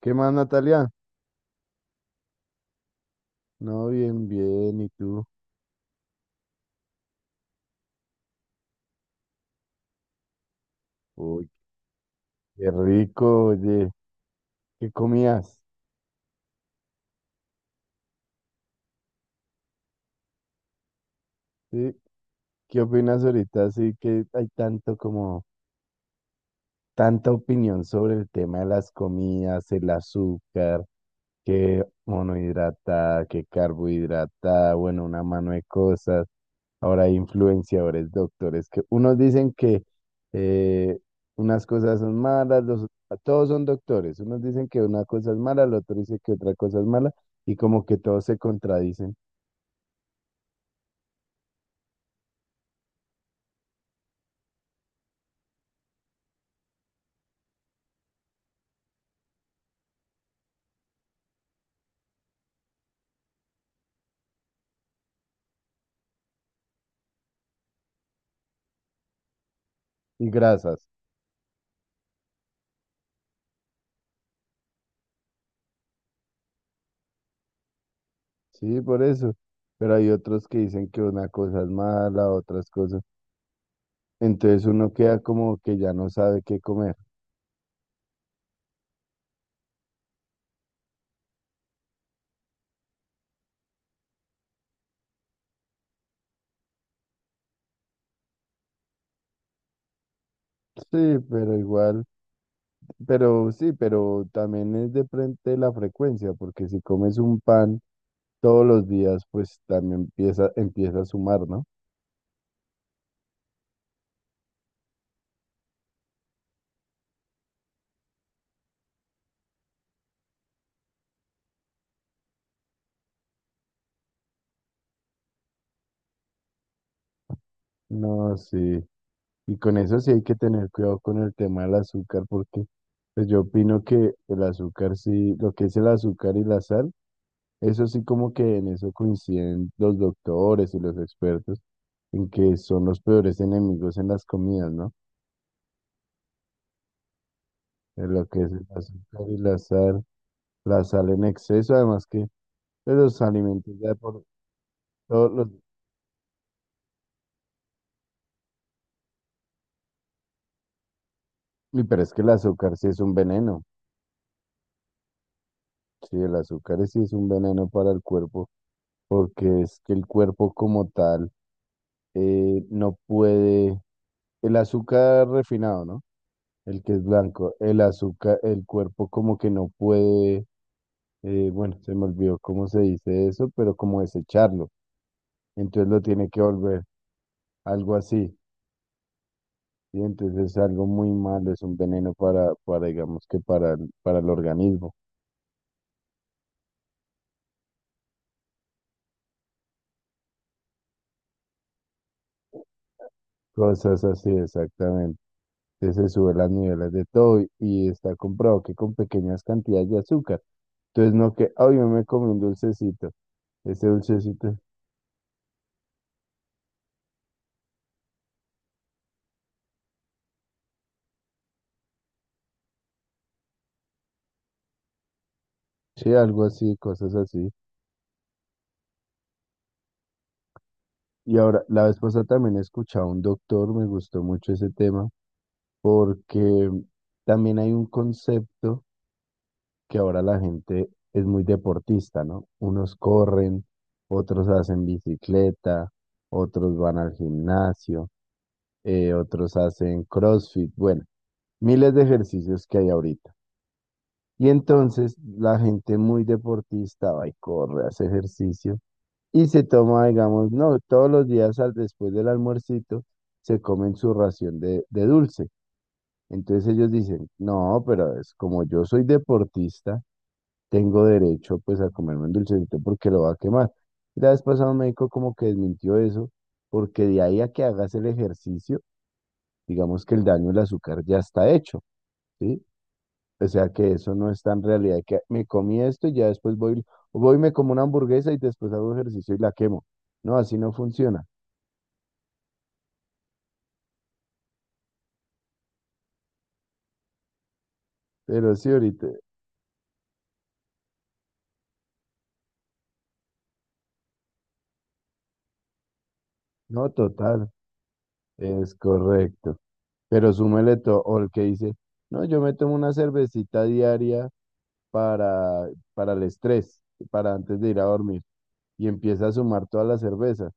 ¿Qué más, Natalia? No, bien, bien. ¿Y tú? Uy, qué rico, oye. ¿Qué comías? ¿Sí? ¿Qué opinas ahorita? Sí, que hay tanto como tanta opinión sobre el tema de las comidas, el azúcar, que monohidrata, que carbohidrata, bueno, una mano de cosas. Ahora hay influenciadores, doctores, que unos dicen que eh, unas cosas son todos son doctores. Unos dicen que una cosa es mala, el otro dice que otra cosa es mala, y como que todos se contradicen. Y grasas, sí, por eso. Pero hay otros que dicen que una cosa es mala, otras cosas. Entonces uno queda como que ya no sabe qué comer. Sí, pero igual, pero sí, pero también es de frente la frecuencia, porque si comes un pan todos los días, pues también empieza a sumar, ¿no? No, sí. Y con eso sí hay que tener cuidado con el tema del azúcar, porque pues yo opino que el azúcar sí, lo que es el azúcar y la sal, eso sí como que en eso coinciden los doctores y los expertos, en que son los peores enemigos en las comidas, ¿no? De lo que es el azúcar y la sal en exceso, además que pues, los alimentos ya por todos los... Y pero es que el azúcar sí es un veneno, sí, el azúcar sí es un veneno para el cuerpo. Porque es que el cuerpo como tal no puede, el azúcar refinado, ¿no? El que es blanco, el azúcar, el cuerpo como que no puede, bueno, se me olvidó cómo se dice eso, pero como desecharlo, entonces lo tiene que volver, algo así, y entonces es algo muy malo, es un veneno para digamos que para el organismo. Cosas así, exactamente. Entonces se suben las niveles de todo y está comprobado que con pequeñas cantidades de azúcar. Entonces no que, ay, yo me comí un dulcecito. Ese dulcecito, sí, algo así, cosas así. Y ahora, la vez pasada también he escuchado a un doctor, me gustó mucho ese tema, porque también hay un concepto que ahora la gente es muy deportista, ¿no? Unos corren, otros hacen bicicleta, otros van al gimnasio. Otros hacen CrossFit, bueno, miles de ejercicios que hay ahorita. Y entonces la gente muy deportista va y corre, hace ejercicio y se toma, digamos, no, todos los días después del almuercito se comen su ración de dulce. Entonces ellos dicen, no, pero es como yo soy deportista, tengo derecho pues a comerme un dulcecito porque lo va a quemar. Y la vez pasada un médico como que desmintió eso, porque de ahí a que hagas el ejercicio, digamos que el daño del azúcar ya está hecho, ¿sí? O sea que eso no está en realidad, que me comí esto y ya después voy, voy y me como una hamburguesa y después hago ejercicio y la quemo. No, así no funciona. Pero sí, ahorita, no, total, es correcto. Pero súmele todo, o el que dice, no, yo me tomo una cervecita diaria para, para el estrés, para antes de ir a dormir, y empieza a sumar todas las cervezas.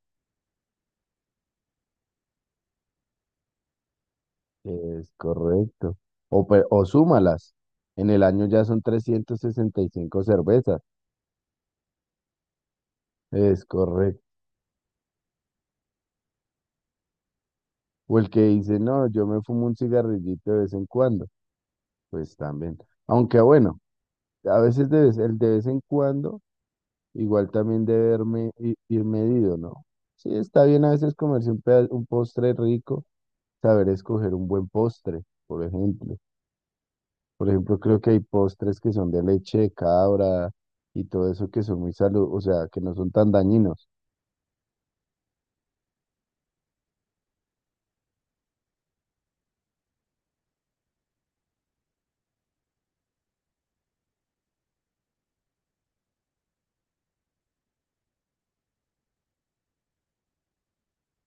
Es correcto. O súmalas. En el año ya son 365 cervezas. Es correcto. O el que dice, no, yo me fumo un cigarrillito de vez en cuando. Pues también. Aunque bueno, a veces el de vez en cuando, igual también ir medido, ¿no? Sí, está bien a veces comerse un postre rico, saber escoger un buen postre, por ejemplo. Por ejemplo, creo que hay postres que son de leche de cabra y todo eso que son muy salud, o sea, que no son tan dañinos.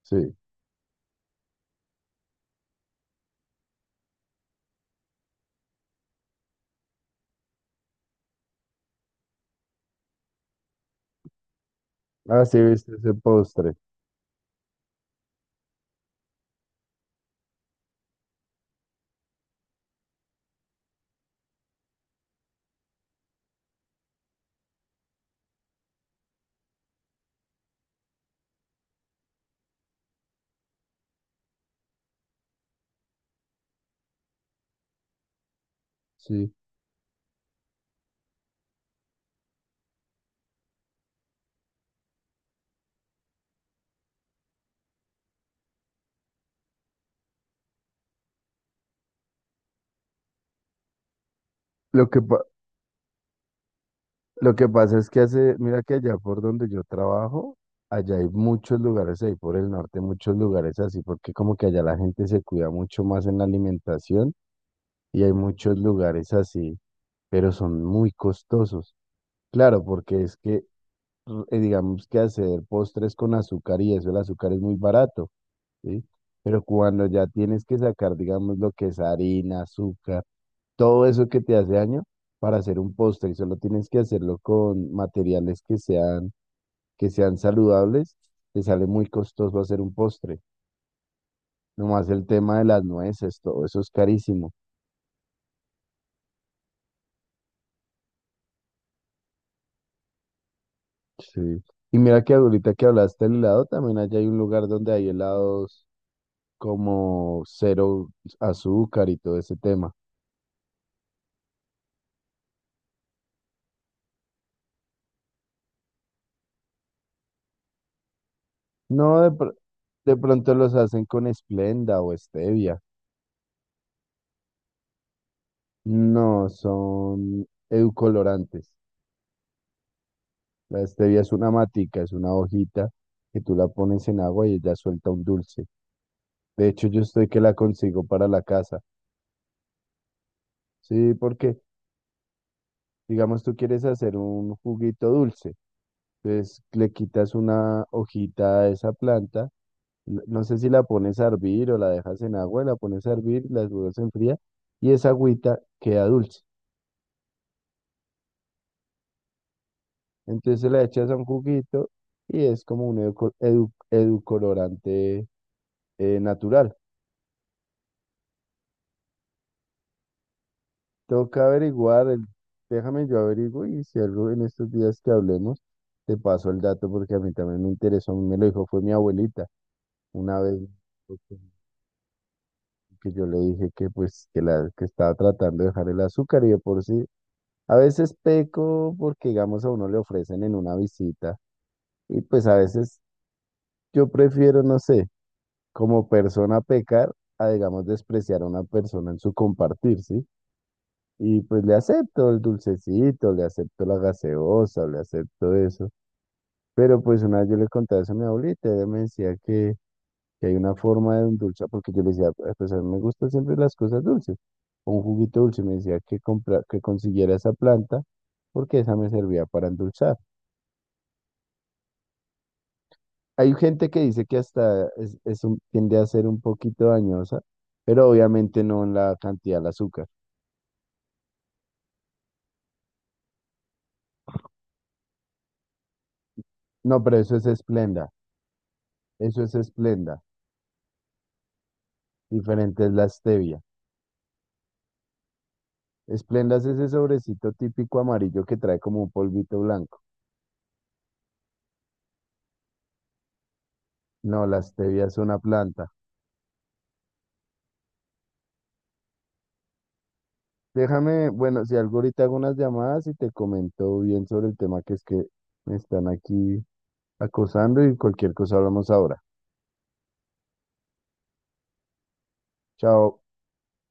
Sí. Ah, sí, viste ese postre. Sí. Lo que, pa- lo que pasa es que hace, mira que allá por donde yo trabajo, allá hay muchos lugares, ahí por el norte, muchos lugares así, porque como que allá la gente se cuida mucho más en la alimentación y hay muchos lugares así, pero son muy costosos. Claro, porque es que, digamos que hacer postres con azúcar y eso, el azúcar es muy barato. ¿Sí? Pero cuando ya tienes que sacar, digamos, lo que es harina, azúcar, todo eso que te hace daño para hacer un postre y solo tienes que hacerlo con materiales que sean saludables, te sale muy costoso hacer un postre. Nomás el tema de las nueces, todo eso es carísimo. Sí. Y mira que ahorita que hablaste del helado, también allá hay un lugar donde hay helados como cero azúcar y todo ese tema. No, de, pr- De pronto los hacen con Esplenda o stevia. No, son eucolorantes. La stevia es una matica, es una hojita que tú la pones en agua y ella suelta un dulce. De hecho, yo estoy que la consigo para la casa. Sí, porque digamos tú quieres hacer un juguito dulce, entonces le quitas una hojita a esa planta, no sé si la pones a hervir o la dejas en agua, la pones a hervir, la dudas en fría y esa agüita queda dulce. Entonces se la echas a un juguito y es como un educolorante natural. Toca averiguar, el, déjame yo averiguo y si algo en estos días que hablemos, te paso el dato porque a mí también me interesó, a mí me lo dijo, fue mi abuelita, una vez porque- que yo le dije que pues que la que estaba tratando de dejar el azúcar y de por sí, a veces peco porque digamos a uno le ofrecen en una visita y pues a veces yo prefiero, no sé, como persona pecar a digamos despreciar a una persona en su compartir, ¿sí? Y pues le acepto el dulcecito, le acepto la gaseosa, le acepto eso. Pero pues una vez yo le contaba eso a mi abuelita, ella me decía que hay una forma de endulzar, porque yo le decía, "Ah, pues a mí me gustan siempre las cosas dulces. O un juguito dulce", me decía que, compra, que consiguiera esa planta, porque esa me servía para endulzar. Hay gente que dice que hasta es, tiende a ser un poquito dañosa, pero obviamente no en la cantidad de azúcar. No, pero eso es esplenda, eso es esplenda. Diferente es la stevia. Esplendas es ese sobrecito típico amarillo que trae como un polvito blanco. No, la stevia es una planta. Déjame, bueno, si algo ahorita hago unas llamadas y te comento bien sobre el tema que es que me están aquí acosando y cualquier cosa hablamos ahora. Chao.